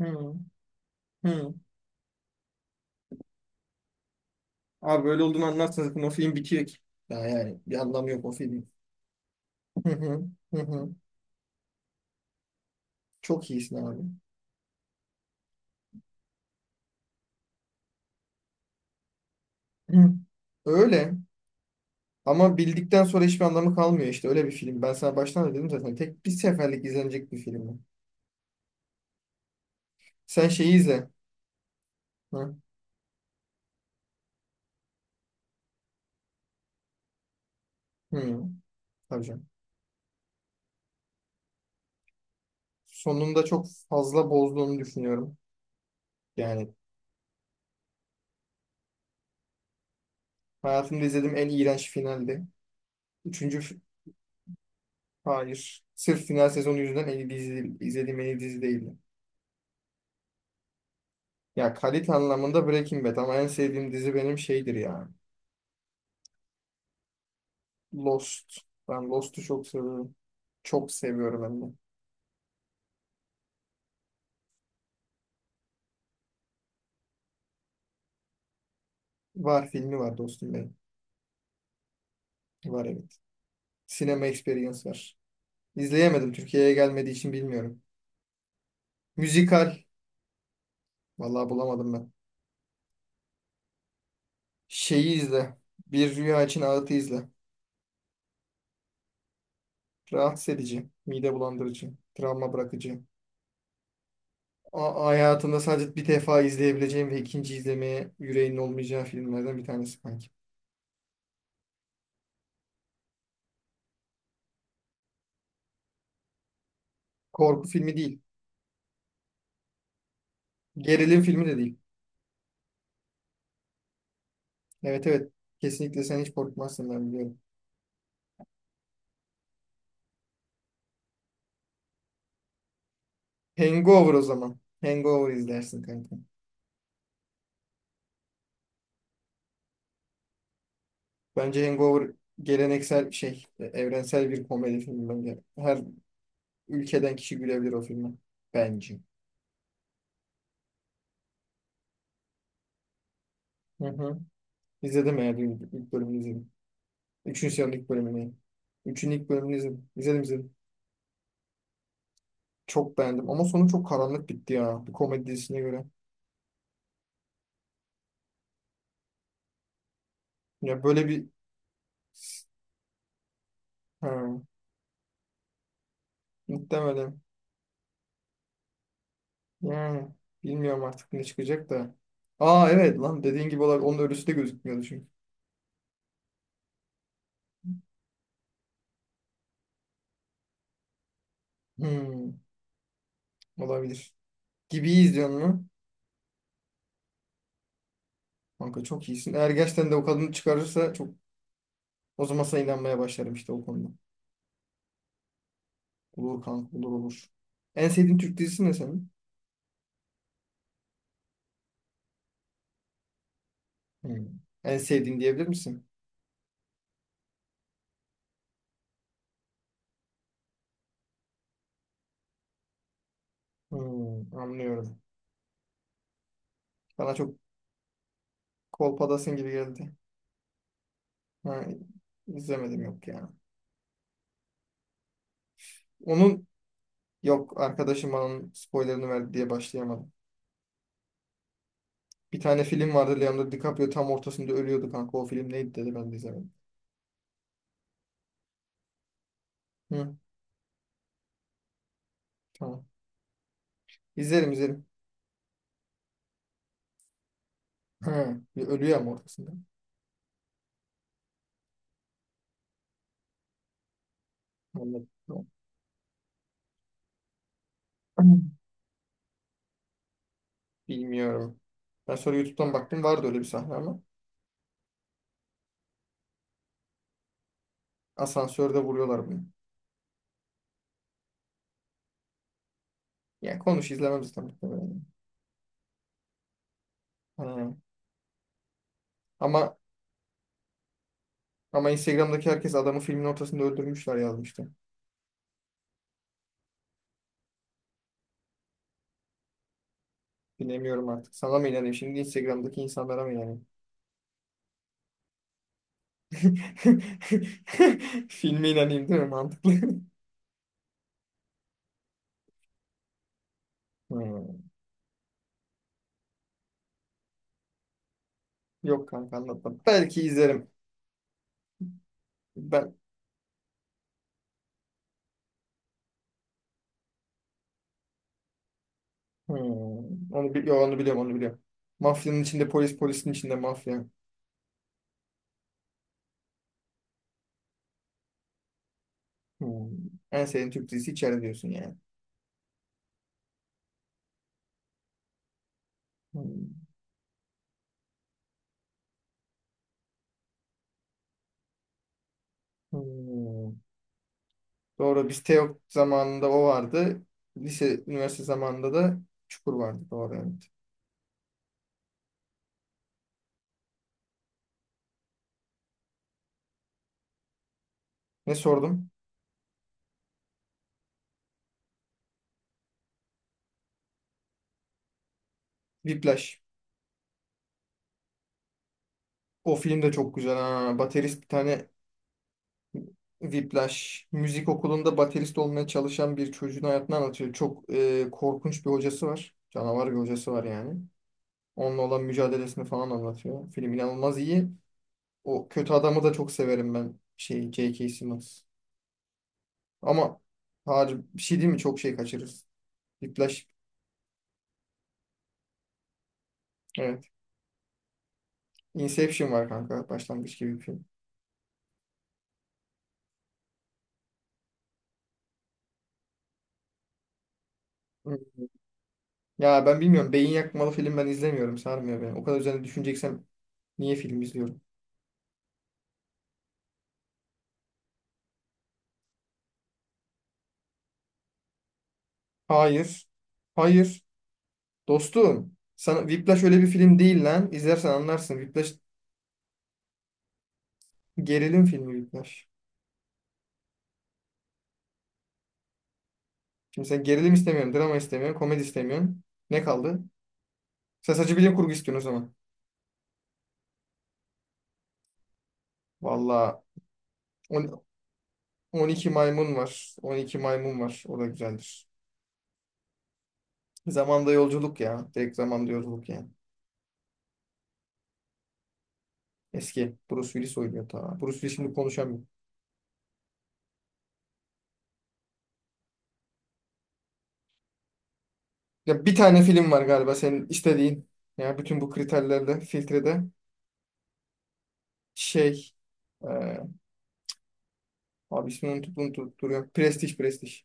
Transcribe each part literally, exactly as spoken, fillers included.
Hı. Hı. Abi böyle olduğunu anlarsınız zaten o film bitiyor ki. Ya yani bir anlamı yok o filmin. Hı hı. Hı hı. Çok iyisin abi. Hı. Öyle. Ama bildikten sonra hiçbir anlamı kalmıyor işte. Öyle bir film. Ben sana baştan da dedim zaten. Tek bir seferlik izlenecek bir film bu. Sen şeyi izle. Hı. Hı. Tabii canım. Sonunda çok fazla bozduğunu düşünüyorum. Yani hayatımda izlediğim en iğrenç finaldi. Üçüncü fi- Hayır. Sırf final sezonu yüzünden en iyi dizi, izlediğim en iyi dizi değildi. Ya kalite anlamında Breaking Bad ama en sevdiğim dizi benim şeydir ya. Lost. Ben Lost'u çok seviyorum. Çok seviyorum hem de. Var filmi var dostum benim. Var evet. Sinema Experience var. İzleyemedim. Türkiye'ye gelmediği için bilmiyorum. Müzikal. Vallahi bulamadım ben. Şeyi izle. Bir Rüya için Ağıt'ı izle. Rahatsız edici. Mide bulandırıcı. Travma bırakıcı. A- hayatında sadece bir defa izleyebileceğim ve ikinci izlemeye yüreğinin olmayacağı filmlerden bir tanesi kanki. Korku filmi değil. Gerilim filmi de değil. Evet evet. Kesinlikle sen hiç korkmazsın ben biliyorum. Hangover o zaman. Hangover izlersin kanka. Bence Hangover geleneksel şey, e, evrensel bir komedi filmi bence. Her ülkeden kişi gülebilir o filme. Bence. Hı hı. İzledim eğer ilk ilk bölümünü izledim. Üçüncü sezonun ilk bölümünü. Üçüncü ilk bölümünü izledim. İzledim izledim. Çok beğendim. Ama sonu çok karanlık bitti ya. Bir komedi dizisine göre. Ya böyle bir. Ha, muhtemelen. Yani bilmiyorum artık ne çıkacak da. Aa evet lan dediğin gibi olabilir. Onun ölüsü de gözükmüyordu çünkü. Hmm, olabilir. Gibiyiz diyorsun mu? Kanka çok iyisin. Eğer gerçekten de o kadını çıkarırsa çok o zaman sana inanmaya başlarım işte o konuda. Olur kanka olur olur. En sevdiğin Türk dizisi ne senin? Hmm. En sevdiğin diyebilir misin? Hmm, anlıyorum. Bana çok kolpadasın gibi geldi. Ha, izlemedim yok ya. Onun yok arkadaşım bana onun spoilerını verdi diye başlayamadım. Bir tane film vardı Leonardo DiCaprio tam ortasında ölüyordu kanka. O film neydi dedi ben de izlemedim. Hı, tamam. İzlerim izlerim. Hı bir ölüyor ama ortasında. Anladım. Tamam. Bilmiyorum. Ben sonra YouTube'dan baktım vardı öyle bir sahne ama asansörde vuruyorlar bunu. Yani konuş izlemem zaten. Muhtemelen. Ha. Ama ama Instagram'daki herkes adamı filmin ortasında öldürmüşler yazmıştı. Bilemiyorum artık. Sana mı inanayım şimdi Instagram'daki insanlara mı inanayım? Filme inanayım değil mi? Mantıklı. Ha. Yok kanka anlatmadım. Belki izlerim. Ben Hmm, onu bi- yo, Onu biliyorum onu biliyorum. Mafyanın içinde polis polisin içinde mafya. Hmm. En sevdiğin Türk dizisi içeride diyorsun yani. Hmm. Hmm. Doğru biz Teok zamanında o vardı. Lise üniversite zamanında da Çukur vardı. Doğru evet. Ne sordum? Whiplash. O film de çok güzel ha. Baterist bir tane Whiplash. Müzik okulunda baterist olmaya çalışan bir çocuğun hayatını anlatıyor. Çok e, korkunç bir hocası var. Canavar bir hocası var yani. Onunla olan mücadelesini falan anlatıyor. Film inanılmaz iyi. O kötü adamı da çok severim ben. Şey, J K. Simmons. Ama harbi bir şey değil mi? Çok şey kaçırırız. Whiplash. Evet. Inception var kanka. Başlangıç gibi bir film. Hı. Ya ben bilmiyorum. Beyin yakmalı film ben izlemiyorum. Sarmıyor beni. O kadar üzerine düşüneceksem niye film izliyorum? Hayır. Hayır. Dostum. Sana Whiplash öyle bir film değil lan. İzlersen anlarsın. Whiplash gerilim filmi Whiplash. Şimdi sen gerilim istemiyorsun, drama istemiyorsun, komedi istemiyorsun. Ne kaldı? Sen sadece bilim kurgu istiyorsun o zaman. Valla on iki maymun var. on iki maymun var. O da güzeldir. Zamanda yolculuk ya. Direkt zamanda yolculuk yani. Eski. Bruce Willis oynuyor ta. Bruce Willis şimdi konuşamıyor. Ya bir tane film var galiba senin istediğin. Ya bütün bu kriterlerde, filtrede şey e, abi ismini unutup unutup duruyor. Prestige, Prestige.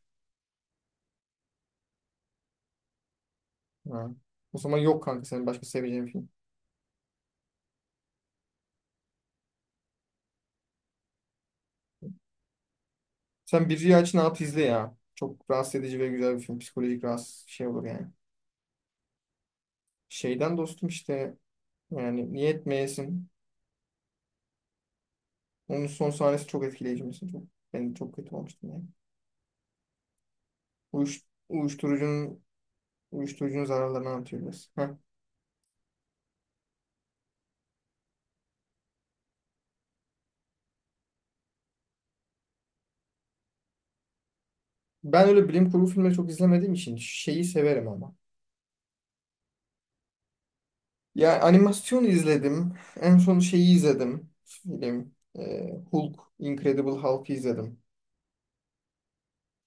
Ha. O zaman yok kanka senin başka seveceğin film. Sen bir aç ne yap izle ya. Çok rahatsız edici ve güzel bir film. Psikolojik rahatsız şey olur yani. Şeyden dostum işte. Yani niye etmeyesin? Onun son sahnesi çok etkileyici mesela. Çok, ben çok kötü olmuştum yani. Uyuş, uyuşturucunun uyuşturucunun zararlarını anlatıyor biraz. Heh. Ben öyle bilim kurgu filmleri çok izlemediğim için şeyi severim ama. Ya animasyon izledim. En son şeyi izledim. Film. Ee, Hulk, Incredible Hulk'ı izledim.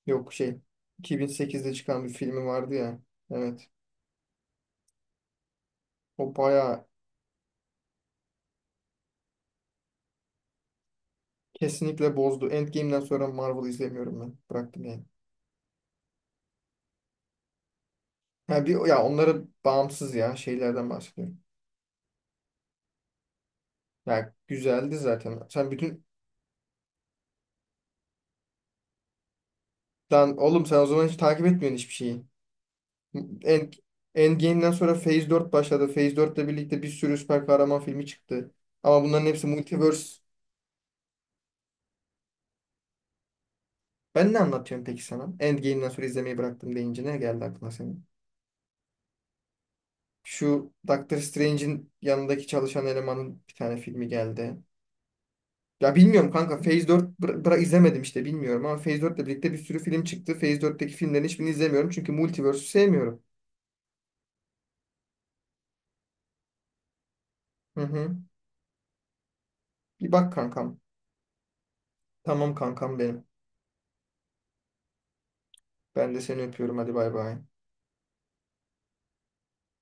Yok şey. iki bin sekizde çıkan bir filmi vardı ya. Evet. O bayağı kesinlikle bozdu. Endgame'den sonra Marvel izlemiyorum ben. Bıraktım yani. Ha bir ya onları bağımsız ya şeylerden bahsediyorum. Ya güzeldi zaten. Sen bütün Lan oğlum sen o zaman hiç takip etmiyorsun hiçbir şeyi. End, Endgame'den sonra Phase dört başladı. Phase dört ile birlikte bir sürü süper kahraman filmi çıktı. Ama bunların hepsi multiverse. Ben ne anlatıyorum peki sana? Endgame'den sonra izlemeyi bıraktım deyince ne geldi aklına senin? Şu Doctor Strange'in yanındaki çalışan elemanın bir tane filmi geldi. Ya bilmiyorum kanka Phase dört bıra bıra- izlemedim işte bilmiyorum ama Phase dört ile birlikte bir sürü film çıktı. Phase dörtteki filmlerin hiçbirini izlemiyorum çünkü Multiverse'ü sevmiyorum. Hı hı. Bir bak kankam. Tamam kankam benim. Ben de seni öpüyorum hadi bay bay.